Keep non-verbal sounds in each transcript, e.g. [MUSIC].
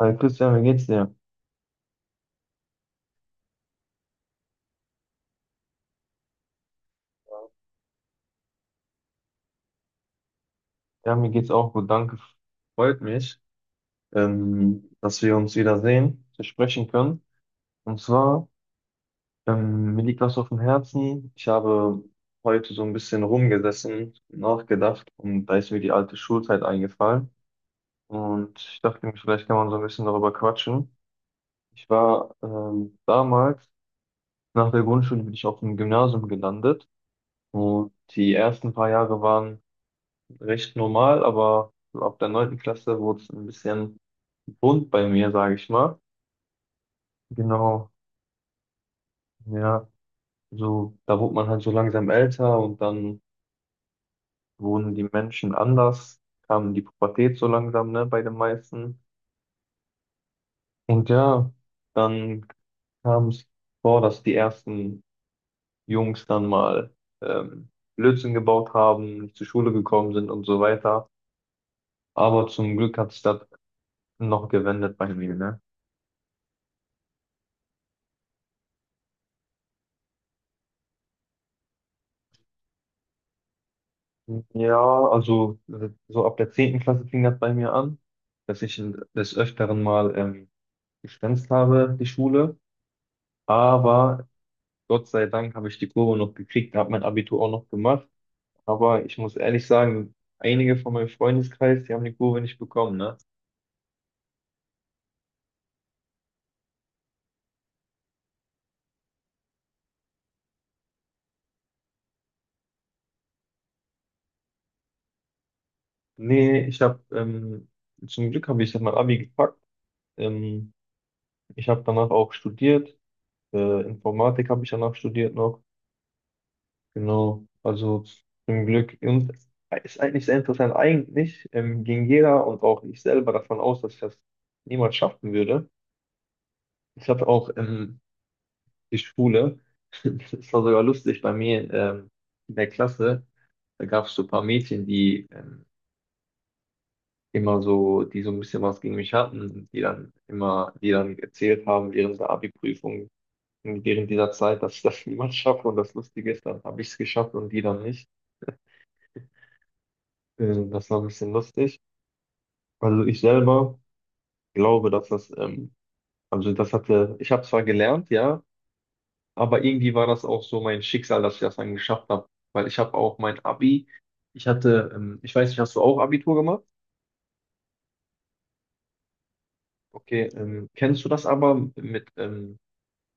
Hi Christian, wie geht's dir? Ja, mir geht's auch gut, danke. Freut mich, dass wir uns wiedersehen, dass wir sprechen können. Und zwar, mir liegt was auf dem Herzen. Ich habe heute so ein bisschen rumgesessen, nachgedacht und da ist mir die alte Schulzeit eingefallen. Und ich dachte mir, vielleicht kann man so ein bisschen darüber quatschen. Ich war damals, nach der Grundschule bin ich auf dem Gymnasium gelandet, und die ersten paar Jahre waren recht normal, aber so ab der neunten Klasse wurde es ein bisschen bunt bei mir, sage ich mal. Genau, ja. So, da wurde man halt so langsam älter und dann wurden die Menschen anders, kam die Pubertät so langsam, ne, bei den meisten. Und ja, dann kam es vor, dass die ersten Jungs dann mal ähm, Blödsinn gebaut haben, nicht zur Schule gekommen sind und so weiter. Aber zum Glück hat sich das noch gewendet bei mir, ne? Ja, also so ab der 10. Klasse fing das bei mir an, dass ich des Öfteren mal geschwänzt habe, die Schule. Aber Gott sei Dank habe ich die Kurve noch gekriegt, habe mein Abitur auch noch gemacht. Aber ich muss ehrlich sagen, einige von meinem Freundeskreis, die haben die Kurve nicht bekommen, ne? Nee, ich habe, zum Glück habe ich dann mein Abi gepackt. Ähm, Ich habe danach auch studiert. Informatik habe ich danach studiert noch. Genau, also zum Glück. Und ist eigentlich sehr interessant. Eigentlich ging jeder und auch ich selber davon aus, dass ich das niemals schaffen würde. Ich hatte auch die Schule, [LAUGHS] das war sogar lustig bei mir, in der Klasse, da gab es so ein paar Mädchen, die immer so, die so ein bisschen was gegen mich hatten und die dann immer, die dann erzählt haben während der Abi-Prüfung, während dieser Zeit, dass ich das [LAUGHS] niemals schaffe. Und das Lustige ist, dann habe ich es geschafft und die dann nicht. Das war ein bisschen lustig. Also ich selber glaube, dass das, also das hatte, ich habe zwar gelernt, ja, aber irgendwie war das auch so mein Schicksal, dass ich das dann geschafft habe, weil ich habe auch mein Abi, ich hatte, ich weiß nicht, hast du auch Abitur gemacht? Okay, kennst du das aber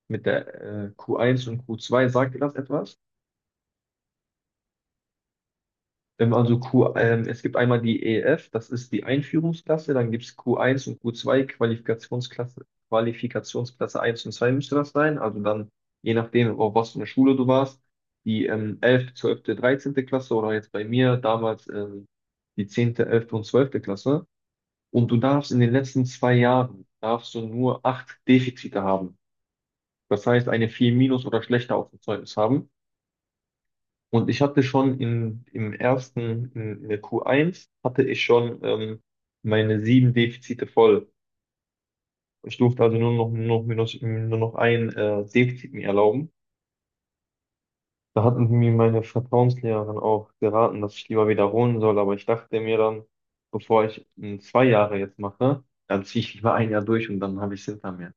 mit der Q1 und Q2, sagt dir das etwas? Also Q, es gibt einmal die EF, das ist die Einführungsklasse, dann gibt es Q1 und Q2, Qualifikationsklasse, Qualifikationsklasse eins und 2 müsste das sein. Also dann, je nachdem, auf was für eine Schule du warst, die 11., 12., 13. Klasse, oder jetzt bei mir damals die 10., 11. und 12. Klasse. Und du darfst in den letzten 2 Jahren, darfst du nur acht Defizite haben. Das heißt, eine 4 minus oder schlechter auf dem Zeugnis haben. Und ich hatte schon im ersten, in der Q1, hatte ich schon meine sieben Defizite voll. Ich durfte also nur noch ein Defizit mir erlauben. Da hatten mir meine Vertrauenslehrerin auch geraten, dass ich lieber wiederholen soll, aber ich dachte mir dann, bevor ich 2 Jahre jetzt mache, dann ziehe ich lieber ein Jahr durch und dann habe ich es hinter mir.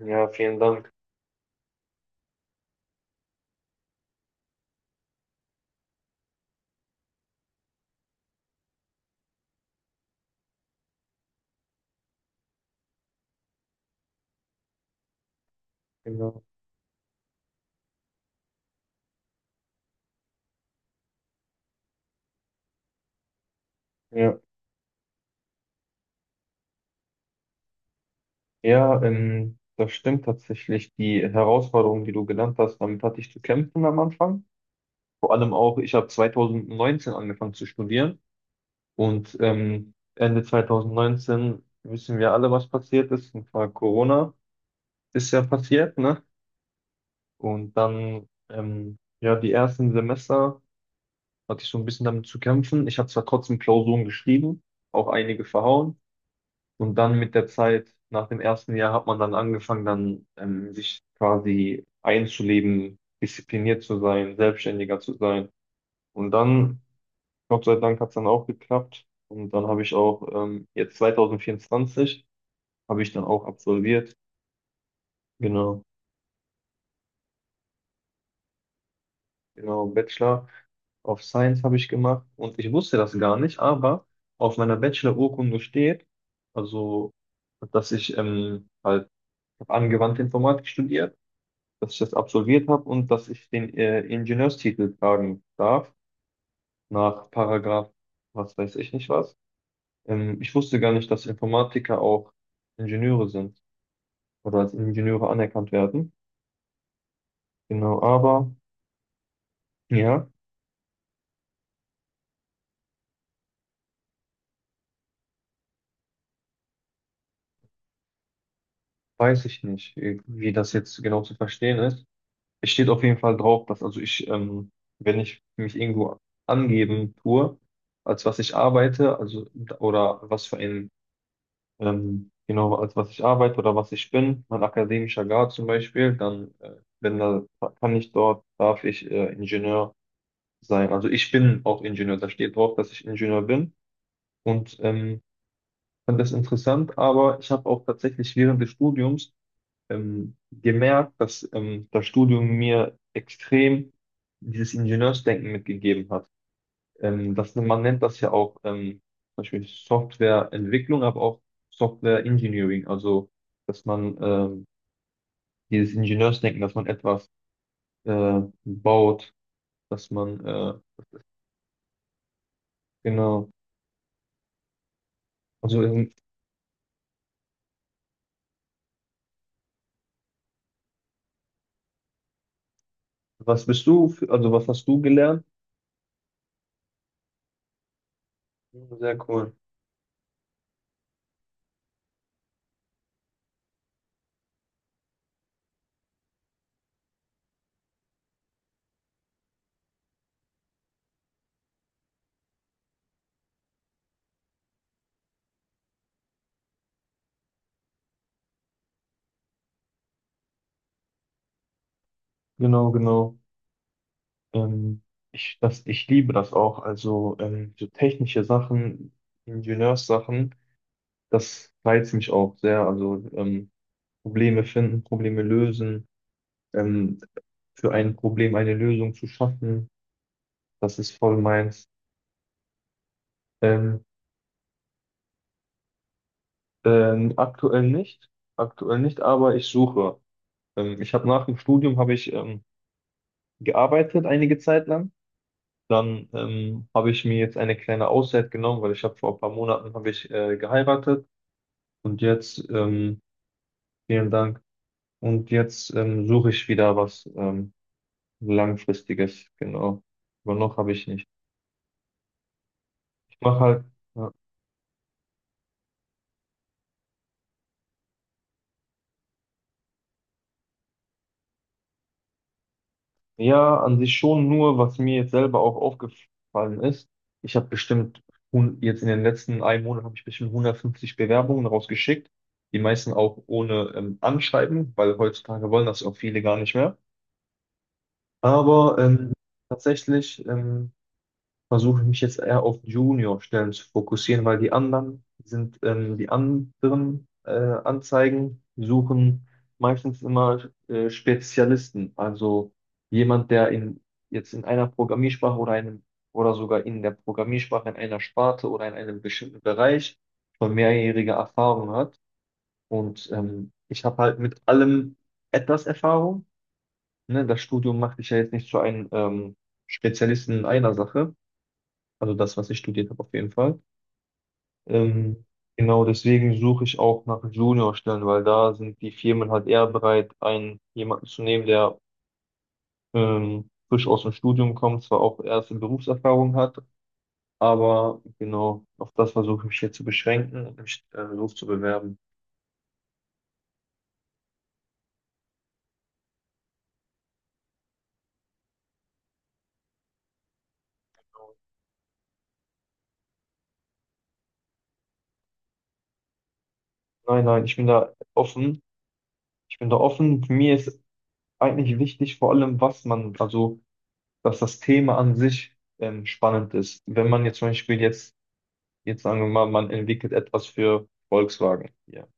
Ja, vielen Dank. Genau. Ja, ja, das stimmt tatsächlich. Die Herausforderung, die du genannt hast, damit hatte ich zu kämpfen am Anfang. Vor allem auch, ich habe 2019 angefangen zu studieren, und Ende 2019 wissen wir alle, was passiert ist. Und zwar Corona ist ja passiert, ne? Und dann, ja, die ersten Semester hatte ich so ein bisschen damit zu kämpfen. Ich habe zwar trotzdem Klausuren geschrieben, auch einige verhauen. Und dann mit der Zeit, nach dem ersten Jahr, hat man dann angefangen, dann sich quasi einzuleben, diszipliniert zu sein, selbstständiger zu sein. Und dann Gott sei Dank hat es dann auch geklappt. Und dann habe ich auch, jetzt 2024, habe ich dann auch absolviert. Genau, genau, Bachelor of Science habe ich gemacht. Und ich wusste das gar nicht, aber auf meiner Bachelor-Urkunde steht, also, dass ich halt hab angewandte Informatik studiert, dass ich das absolviert habe und dass ich den Ingenieurstitel tragen darf, nach Paragraph, was weiß ich nicht was. Ich wusste gar nicht, dass Informatiker auch Ingenieure sind oder als Ingenieure anerkannt werden. Genau, aber ja, weiß ich nicht, wie das jetzt genau zu verstehen ist. Es steht auf jeden Fall drauf, dass also ich, wenn ich mich irgendwo angeben tue, als was ich arbeite, also oder was für ein, genau, als was ich arbeite oder was ich bin, mein akademischer Grad zum Beispiel, dann wenn da kann ich dort, darf ich Ingenieur sein. Also ich bin auch Ingenieur, da steht drauf, dass ich Ingenieur bin. Und fand das interessant, aber ich habe auch tatsächlich während des Studiums gemerkt, dass das Studium mir extrem dieses Ingenieursdenken mitgegeben hat. Das, man nennt das ja auch zum Beispiel Softwareentwicklung, aber auch Software Engineering, also dass man dieses Ingenieursdenken, dass man etwas baut, dass man genau. Also was bist du, für, also was hast du gelernt? Sehr cool. Genau, genau. Ähm, Ich, das, ich liebe das auch. Also so technische Sachen, Ingenieurssachen, das reizt mich auch sehr. Also Probleme finden, Probleme lösen, ähm, für ein Problem eine Lösung zu schaffen, das ist voll meins. Ähm, Aktuell nicht, aktuell nicht, aber ich suche. Ich habe nach dem Studium habe ich gearbeitet einige Zeit lang. Dann habe ich mir jetzt eine kleine Auszeit genommen, weil ich habe vor ein paar Monaten habe ich geheiratet. Und jetzt, vielen Dank. Und jetzt suche ich wieder was Langfristiges, genau. Aber noch habe ich nicht. Ich mache halt, ja, ja, an sich schon nur, was mir jetzt selber auch aufgefallen ist. Ich habe bestimmt, jetzt in den letzten einem Monat habe ich bestimmt 150 Bewerbungen rausgeschickt. Die meisten auch ohne Anschreiben, weil heutzutage wollen das auch viele gar nicht mehr. Aber tatsächlich versuche ich mich jetzt eher auf Junior-Stellen zu fokussieren, weil die anderen sind, die anderen Anzeigen suchen meistens immer Spezialisten, also jemand, der in, jetzt in einer Programmiersprache oder einem oder sogar in der Programmiersprache in einer Sparte oder in einem bestimmten Bereich schon mehrjährige Erfahrung hat. Und ich habe halt mit allem etwas Erfahrung. Ne? Das Studium macht dich ja jetzt nicht zu einem Spezialisten in einer Sache. Also das, was ich studiert habe, auf jeden Fall. Ähm, genau deswegen suche ich auch nach Juniorstellen, weil da sind die Firmen halt eher bereit, einen jemanden zu nehmen, der frisch aus dem Studium kommt, zwar auch erste Berufserfahrung hat, aber genau auf das versuche ich mich hier zu beschränken und mich los zu bewerben. Nein, nein, ich bin da offen. Ich bin da offen. Für mich ist eigentlich wichtig, vor allem, was man, also, dass das Thema an sich spannend ist. Wenn man jetzt zum Beispiel jetzt jetzt sagen wir mal, man entwickelt etwas für Volkswagen hier.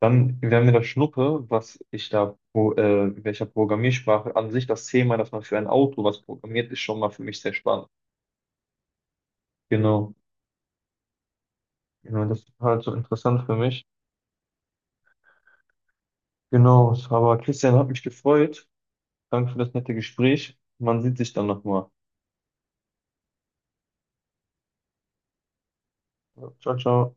Dann wäre mir das Schnuppe, was ich da, wo, welcher Programmiersprache, an sich das Thema, dass man für ein Auto was programmiert, ist schon mal für mich sehr spannend. Genau. Genau, das ist halt so interessant für mich. Genau, aber Christian, hat mich gefreut. Danke für das nette Gespräch. Man sieht sich dann nochmal. Ciao, ciao.